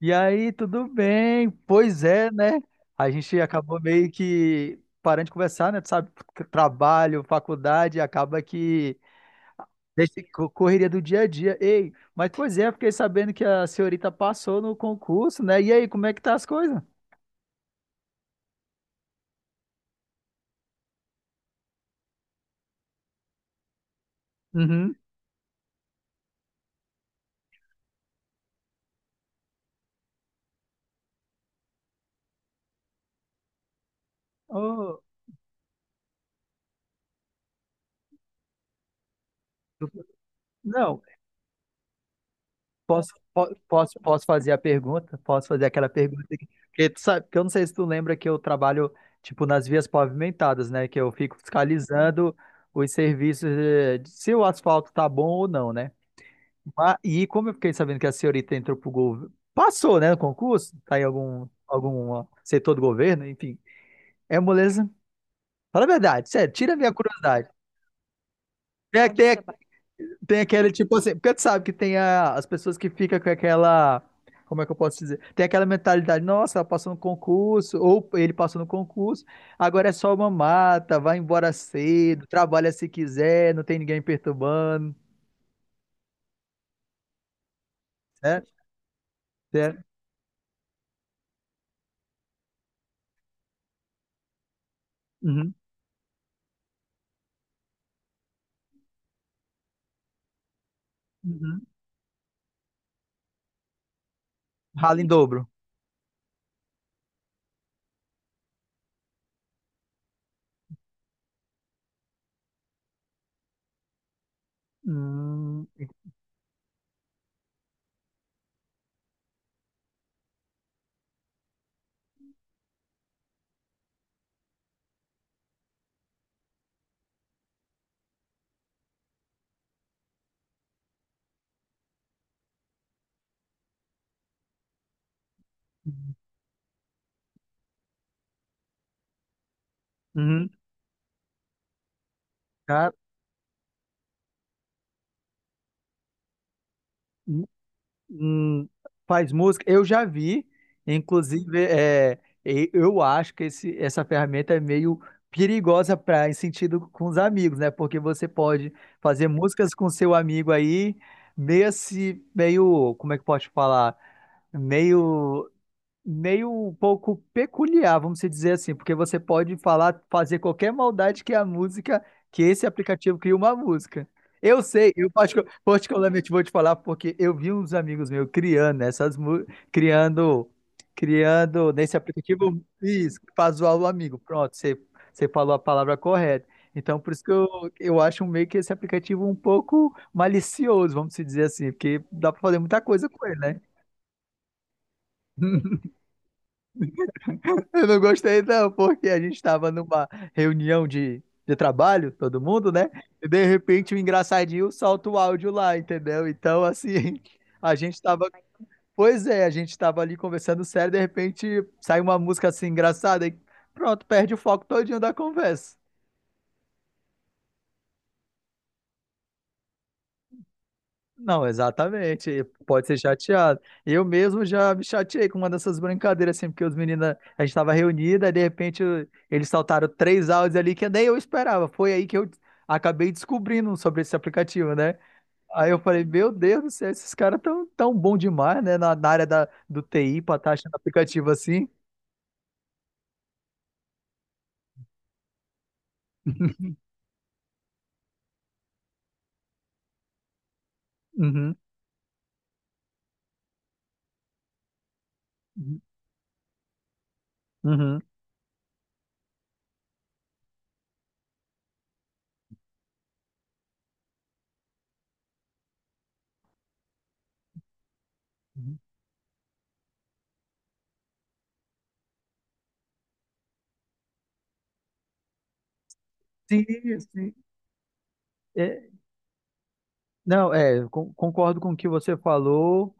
E aí, tudo bem? Pois é, né? A gente acabou meio que parando de conversar, né? Tu sabe, trabalho, faculdade, acaba que deixa correria do dia a dia. Ei, mas pois é, fiquei sabendo que a senhorita passou no concurso, né? E aí, como é que tá as coisas? Uhum. Oh, não, posso fazer a pergunta? Posso fazer aquela pergunta que tu sabe, que eu não sei se tu lembra que eu trabalho tipo nas vias pavimentadas, né? Que eu fico fiscalizando os serviços de se o asfalto tá bom ou não, né? E como eu fiquei sabendo que a senhorita entrou pro governo, passou, né, no concurso, tá em algum ó, setor do governo, enfim. É moleza. Fala a verdade, sério, tira a minha curiosidade. Tem, tem Tem aquele tipo assim, porque tu sabe que tem as pessoas que ficam com aquela, como é que eu posso dizer? Tem aquela mentalidade, nossa, ela passou no concurso, ou ele passou no concurso, agora é só uma mata, vai embora cedo, trabalha se quiser, não tem ninguém perturbando, né? É. Uhum, uhum. Rala em dobro. Hum, uhum. Cara, hum. Hum, faz música. Eu já vi, inclusive, é, eu acho que essa ferramenta é meio perigosa para em sentido com os amigos, né? Porque você pode fazer músicas com seu amigo aí, meio se, meio, como é que pode falar? Meio meio um pouco peculiar, vamos se dizer assim, porque você pode falar, fazer qualquer maldade que é a música, que esse aplicativo cria uma música. Eu sei, eu particularmente vou te falar porque eu vi uns amigos meus criando criando criando nesse aplicativo isso, faz zoar o amigo. Pronto, você falou a palavra correta. Então, por isso que eu acho meio que esse aplicativo um pouco malicioso, vamos se dizer assim, porque dá para fazer muita coisa com ele, né? Eu não gostei, não, porque a gente estava numa reunião de trabalho, todo mundo, né? E de repente o engraçadinho solta o áudio lá, entendeu? Então, assim, a gente estava. Pois é, a gente estava ali conversando sério, de repente sai uma música assim engraçada e pronto, perde o foco todinho da conversa. Não, exatamente. E pode ser chateado. Eu mesmo já me chateei com uma dessas brincadeiras, assim, porque os meninos, a gente estava reunida, e de repente eles saltaram três áudios ali que nem eu esperava. Foi aí que eu acabei descobrindo sobre esse aplicativo, né? Aí eu falei, meu Deus do céu, esses caras tão tão bom demais, né? Na área do TI, pra estar achando aplicativo assim. Uhum. Uhum. Sim, sim. É, não, é, concordo com o que você falou.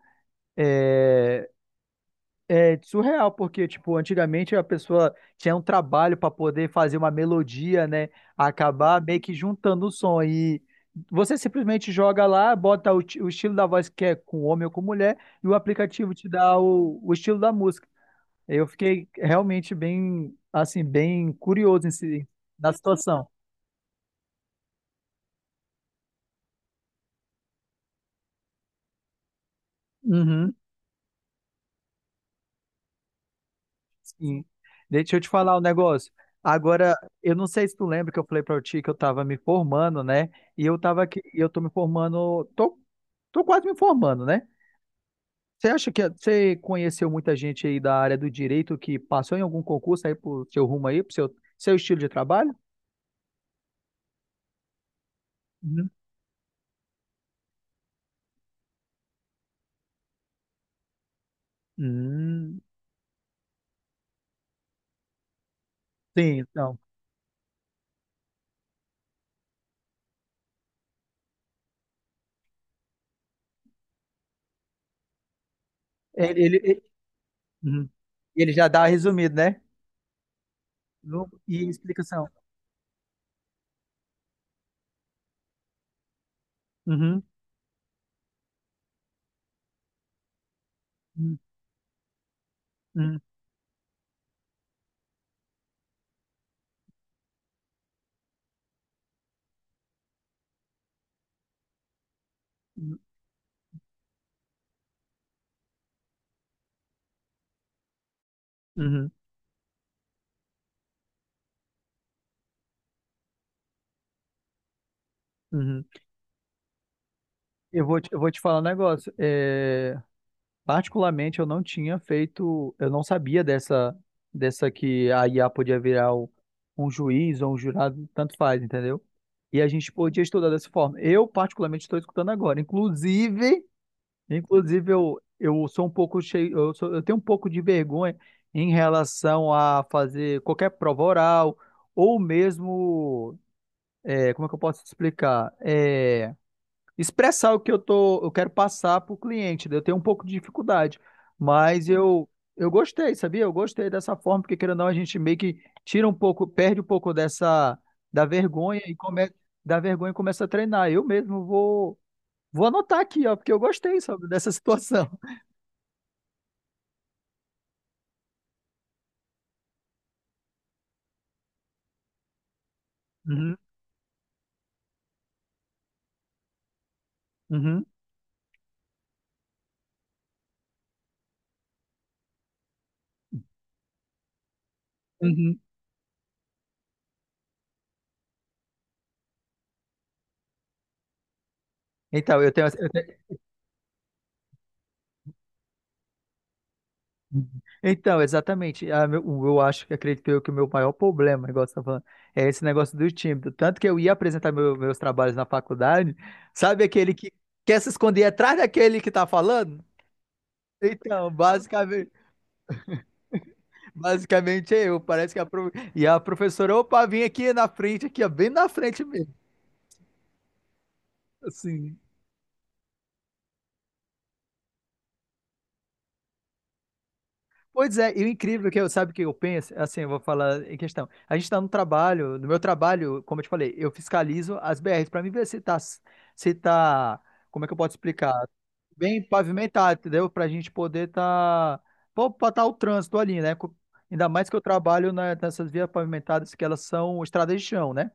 É, é surreal, porque, tipo, antigamente a pessoa tinha um trabalho para poder fazer uma melodia, né? Acabar meio que juntando o som. E você simplesmente joga lá, bota o estilo da voz que é com homem ou com mulher, e o aplicativo te dá o estilo da música. Eu fiquei realmente bem, assim, bem curioso na situação. Uhum. Sim. Deixa eu te falar um negócio. Agora, eu não sei se tu lembra que eu falei pra ti que eu tava me formando, né? E eu tava aqui, e eu tô me formando, tô, quase me formando, né? Você acha que você conheceu muita gente aí da área do direito que passou em algum concurso aí pro seu rumo aí, pro seu estilo de trabalho? Uhum. Hum, sim, então. Ele. Uhum. Ele já dá resumido, né? E explicação. Uhum. Uhum. Uhum. Uhum. Uhum. Eu vou te falar um negócio. É, particularmente, eu não tinha feito, eu não sabia dessa que a IA podia virar um juiz ou um jurado, tanto faz, entendeu? E a gente podia estudar dessa forma. Eu, particularmente, estou escutando agora. Inclusive, eu sou um pouco cheio, eu tenho um pouco de vergonha em relação a fazer qualquer prova oral ou mesmo, é, como é que eu posso explicar? Expressar o que eu quero passar para o cliente, né? Eu tenho um pouco de dificuldade, mas eu gostei, sabia? Eu gostei dessa forma, porque querendo ou não, a gente meio que tira um pouco, perde um pouco dessa da vergonha e começa da vergonha e começa a treinar. Eu mesmo vou anotar aqui, ó, porque eu gostei, sabe, dessa situação. Uhum, uhum, uhum. Então, eu tenho. Uhum. Então, exatamente. Eu acho que acredito eu que o meu maior problema, igual você tá falando, é esse negócio do tímido. Tanto que eu ia apresentar meus trabalhos na faculdade, sabe aquele que quer se esconder atrás daquele que tá falando? Então, basicamente é eu. Parece que a professora, opa, vim aqui na frente, aqui, ó, bem na frente mesmo. Assim. Pois é, e o incrível que eu, sabe o que eu penso? Assim, eu vou falar em questão. A gente está no trabalho, no meu trabalho, como eu te falei, eu fiscalizo as BRs para mim ver se tá, como é que eu posso explicar? Bem pavimentado, entendeu? Para a gente poder tá, para tá o trânsito ali, né? Ainda mais que eu trabalho nessas vias pavimentadas que elas são estradas de chão, né?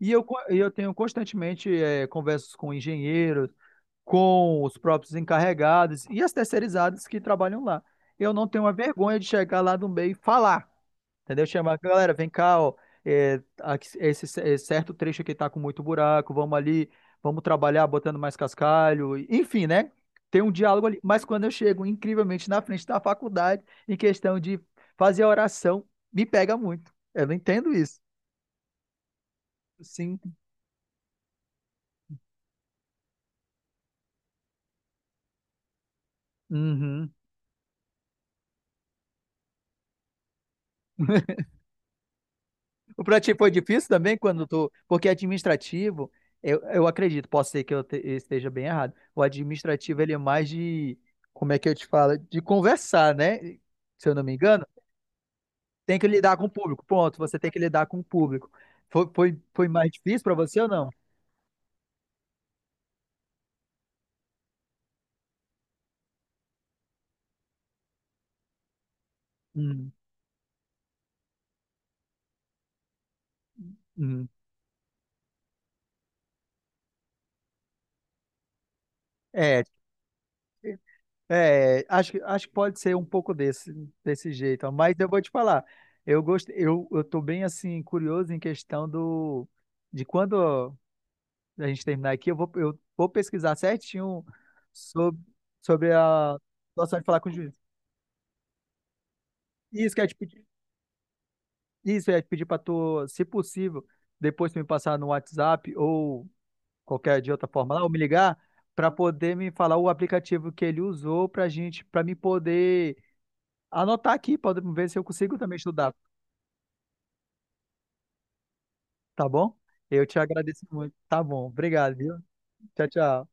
E eu tenho constantemente conversas com engenheiros, com os próprios encarregados e as terceirizadas que trabalham lá. Eu não tenho uma vergonha de chegar lá no meio e falar, entendeu? Chamar, galera, vem cá, ó, é, esse certo trecho aqui tá com muito buraco, vamos ali, vamos trabalhar botando mais cascalho, enfim, né? Tem um diálogo ali. Mas quando eu chego, incrivelmente, na frente da faculdade, em questão de fazer a oração, me pega muito. Eu não entendo isso. Sim. Uhum. O pra ti foi difícil também quando tu. Porque é administrativo, eu acredito, posso ser que eu esteja bem errado. O administrativo, ele é mais de. Como é que eu te falo? De conversar, né? Se eu não me engano, tem que lidar com o público. Ponto. Você tem que lidar com o público. Foi mais difícil pra você ou não? Hum, hum. É, é, acho que pode ser um pouco desse jeito, ó, mas eu vou te falar, eu gosto, eu tô bem assim, curioso em questão de quando a gente terminar aqui, eu vou pesquisar certinho sobre, sobre a situação de falar com o juiz. Isso que eu ia te pedir, isso que eu ia te pedir para tu, se possível, depois tu me passar no WhatsApp ou qualquer de outra forma lá, ou me ligar para poder me falar o aplicativo que ele usou para gente, para me poder anotar aqui, para ver se eu consigo também estudar, tá bom? Eu te agradeço muito. Tá bom, obrigado, viu? Tchau, tchau.